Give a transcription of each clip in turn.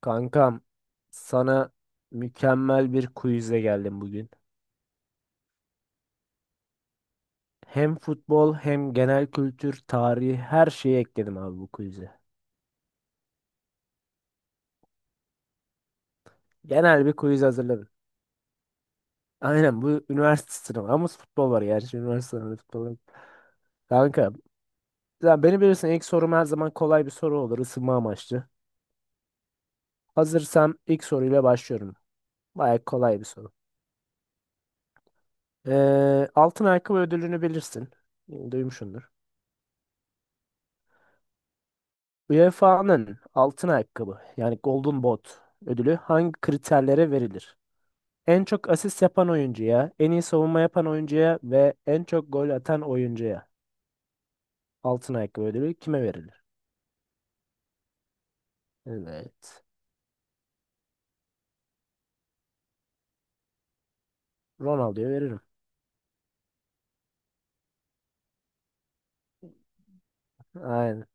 Kankam, sana mükemmel bir quizle geldim bugün. Hem futbol hem genel kültür, tarihi her şeyi ekledim abi bu quiz'e. Genel bir quiz hazırladım. Aynen bu üniversite sınavı ama futbol var gerçi üniversite sınavı futbol. Yok. Kanka, ya beni bilirsin ilk sorum her zaman kolay bir soru olur ısınma amaçlı. Hazırsam ilk soruyla başlıyorum. Baya kolay bir soru. Altın ayakkabı ödülünü bilirsin. Duymuşsundur. UEFA'nın altın ayakkabı yani Golden Boot ödülü hangi kriterlere verilir? En çok asist yapan oyuncuya, en iyi savunma yapan oyuncuya ve en çok gol atan oyuncuya altın ayakkabı ödülü kime verilir? Evet. Ronaldo'ya veririm. Aynen.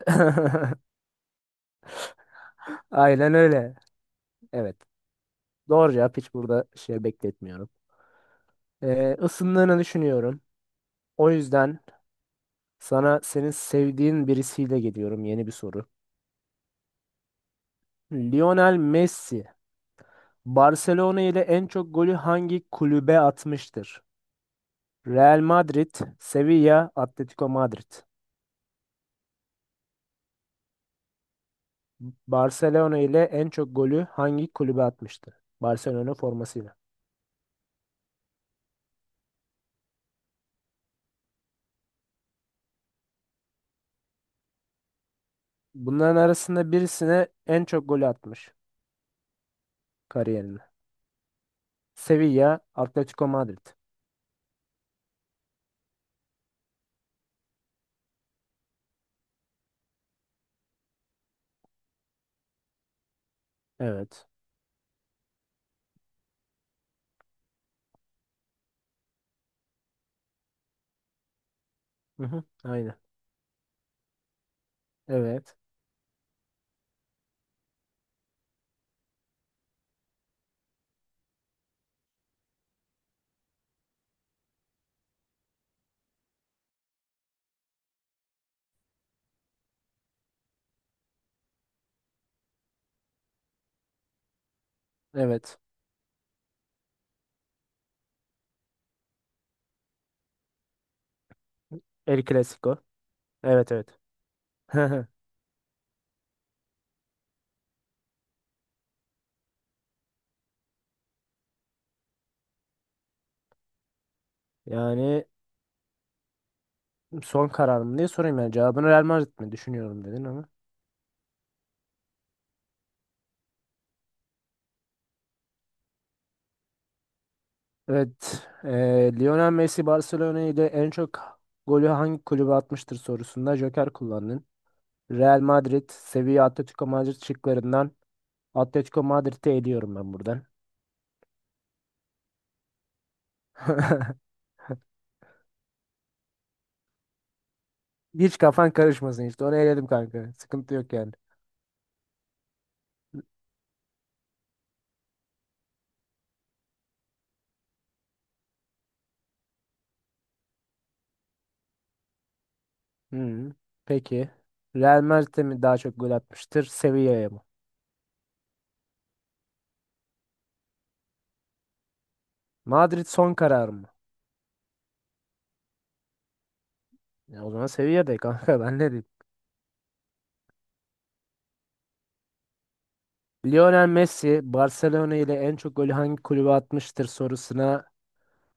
Aynen öyle. Evet. Doğru cevap hiç burada şey bekletmiyorum. Isındığını düşünüyorum. O yüzden sana senin sevdiğin birisiyle geliyorum yeni bir soru. Lionel Messi Barcelona ile en çok golü hangi kulübe atmıştır? Real Madrid, Sevilla, Atletico Madrid. Barcelona ile en çok golü hangi kulübe atmıştır? Barcelona formasıyla. Bunların arasında birisine en çok golü atmış kariyerinde. Sevilla, Atletico Madrid. Evet. Hı hı, aynen. Evet. Evet. El Clasico. Evet, evet. Yani son kararım diye sorayım yani cevabını Real Madrid mi düşünüyorum dedin ama. Evet, Lionel Messi Barcelona ile en çok golü hangi kulübe atmıştır sorusunda Joker kullandın. Real Madrid, Sevilla, Atletico Madrid şıklarından Atletico Madrid'i eliyorum ben buradan. Hiç kafan karışmasın işte. Onu eledim kanka. Sıkıntı yok yani. Hmm, peki. Real Madrid'e mi daha çok gol atmıştır? Sevilla'ya mı? Madrid son karar mı? Ya o zaman Sevilla'da kanka ben ne diyeyim? Lionel Messi Barcelona ile en çok golü hangi kulübe atmıştır sorusuna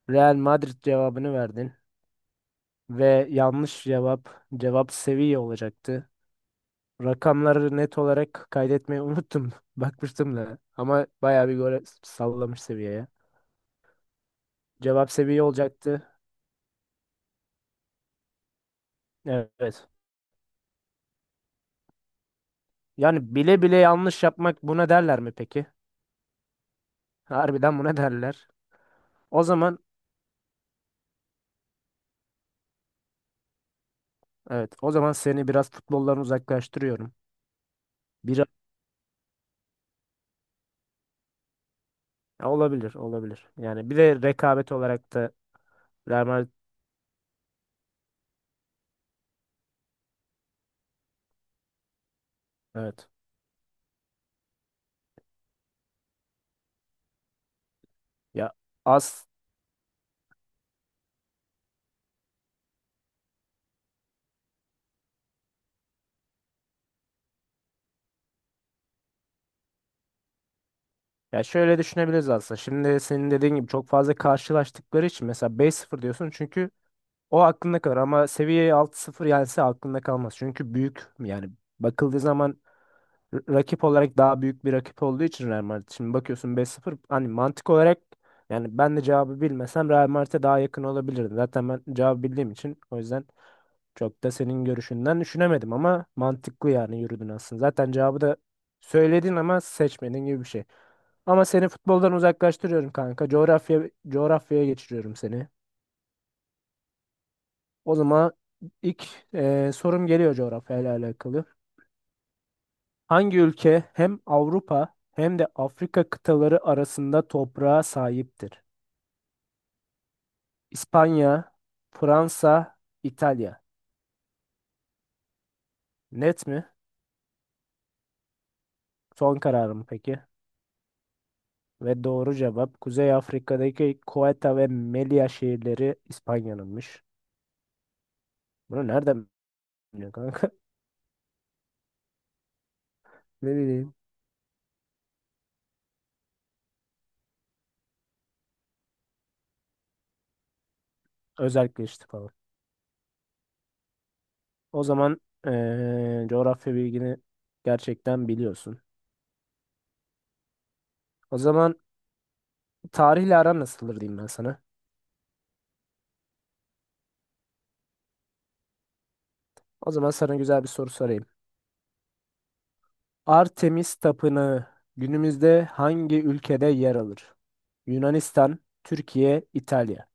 Real Madrid cevabını verdin ve yanlış cevap cevap seviye olacaktı. Rakamları net olarak kaydetmeyi unuttum. Bakmıştım da ama bayağı bir gol sallamış seviyeye. Cevap seviye olacaktı. Evet. Yani bile bile yanlış yapmak buna derler mi peki? Harbiden buna derler. O zaman evet o zaman seni biraz futboldan uzaklaştırıyorum. Biraz olabilir olabilir. Yani bir de rekabet olarak da Real Madrid evet. Ya az. Ya şöyle düşünebiliriz aslında. Şimdi senin dediğin gibi çok fazla karşılaştıkları için mesela 5 sıfır diyorsun çünkü o aklında kalır ama seviyeyi 6-0 yense aklında kalmaz. Çünkü büyük yani bakıldığı zaman rakip olarak daha büyük bir rakip olduğu için Real Madrid. Şimdi bakıyorsun 5 sıfır hani mantık olarak yani ben de cevabı bilmesem Real Madrid'e daha yakın olabilirdim. Zaten ben cevabı bildiğim için o yüzden çok da senin görüşünden düşünemedim ama mantıklı yani yürüdün aslında. Zaten cevabı da söyledin ama seçmedin gibi bir şey. Ama seni futboldan uzaklaştırıyorum kanka. Coğrafya coğrafyaya geçiriyorum seni. O zaman ilk sorum geliyor coğrafyayla alakalı. Hangi ülke hem Avrupa hem de Afrika kıtaları arasında toprağa sahiptir? İspanya, Fransa, İtalya. Net mi? Son kararım peki. Ve doğru cevap Kuzey Afrika'daki Ceuta ve Melilla şehirleri İspanya'nınmış. Bunu nereden biliyorsun kanka? Ne bileyim. Özelleşti falan. O zaman coğrafya bilgini gerçekten biliyorsun. O zaman tarihle aran nasıldır diyeyim ben sana. O zaman sana güzel bir soru sorayım. Artemis Tapınağı günümüzde hangi ülkede yer alır? Yunanistan, Türkiye, İtalya.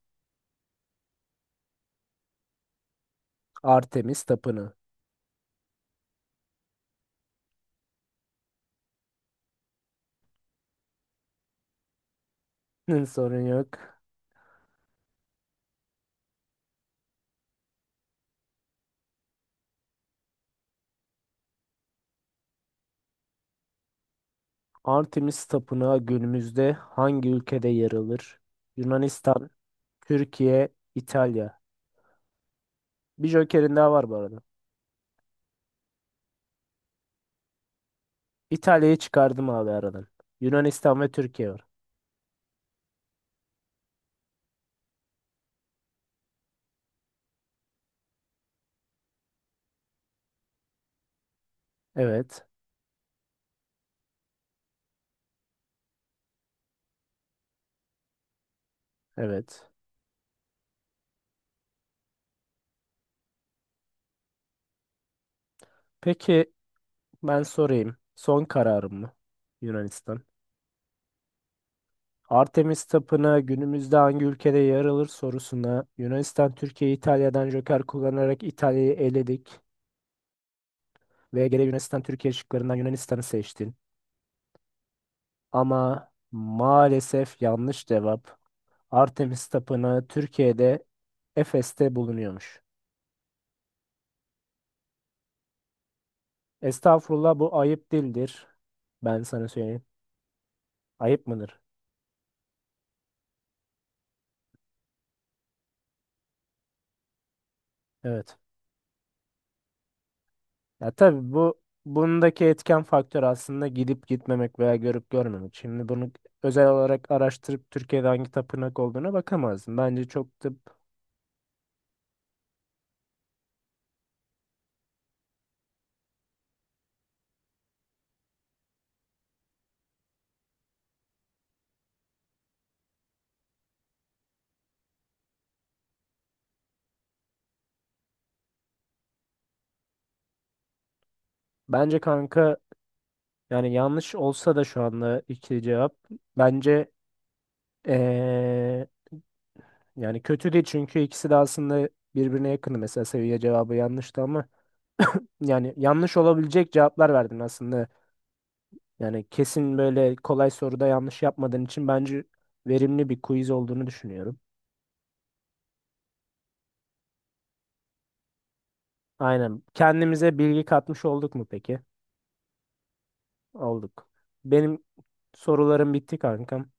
Artemis Tapınağı. Hı, sorun yok. Artemis Tapınağı günümüzde hangi ülkede yer alır? Yunanistan, Türkiye, İtalya. Bir jokerin daha var bu arada. İtalya'yı çıkardım abi aradan. Yunanistan ve Türkiye var. Evet, evet. Peki ben sorayım. Son kararım mı? Yunanistan. Artemis Tapınağı günümüzde hangi ülkede yer alır sorusuna Yunanistan Türkiye'yi İtalya'dan joker kullanarak İtalya'yı eledik ve gene Yunanistan Türkiye şıklarından Yunanistan'ı seçtin. Ama maalesef yanlış cevap. Artemis Tapınağı Türkiye'de Efes'te bulunuyormuş. Estağfurullah bu ayıp değildir. Ben sana söyleyeyim. Ayıp mıdır? Evet. Ya tabii bu bundaki etken faktör aslında gidip gitmemek veya görüp görmemek. Şimdi bunu özel olarak araştırıp Türkiye'de hangi tapınak olduğuna bakamazsın. Bence çok da bence kanka yani yanlış olsa da şu anda iki cevap bence eee, yani kötü değil çünkü ikisi de aslında birbirine yakın. Mesela seviye cevabı yanlıştı ama yani yanlış olabilecek cevaplar verdin aslında. Yani kesin böyle kolay soruda yanlış yapmadığın için bence verimli bir quiz olduğunu düşünüyorum. Aynen. Kendimize bilgi katmış olduk mu peki? Olduk. Benim sorularım bitti kankam.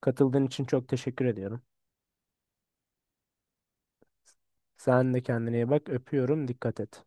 Katıldığın için çok teşekkür ediyorum. Sen de kendine iyi bak. Öpüyorum. Dikkat et.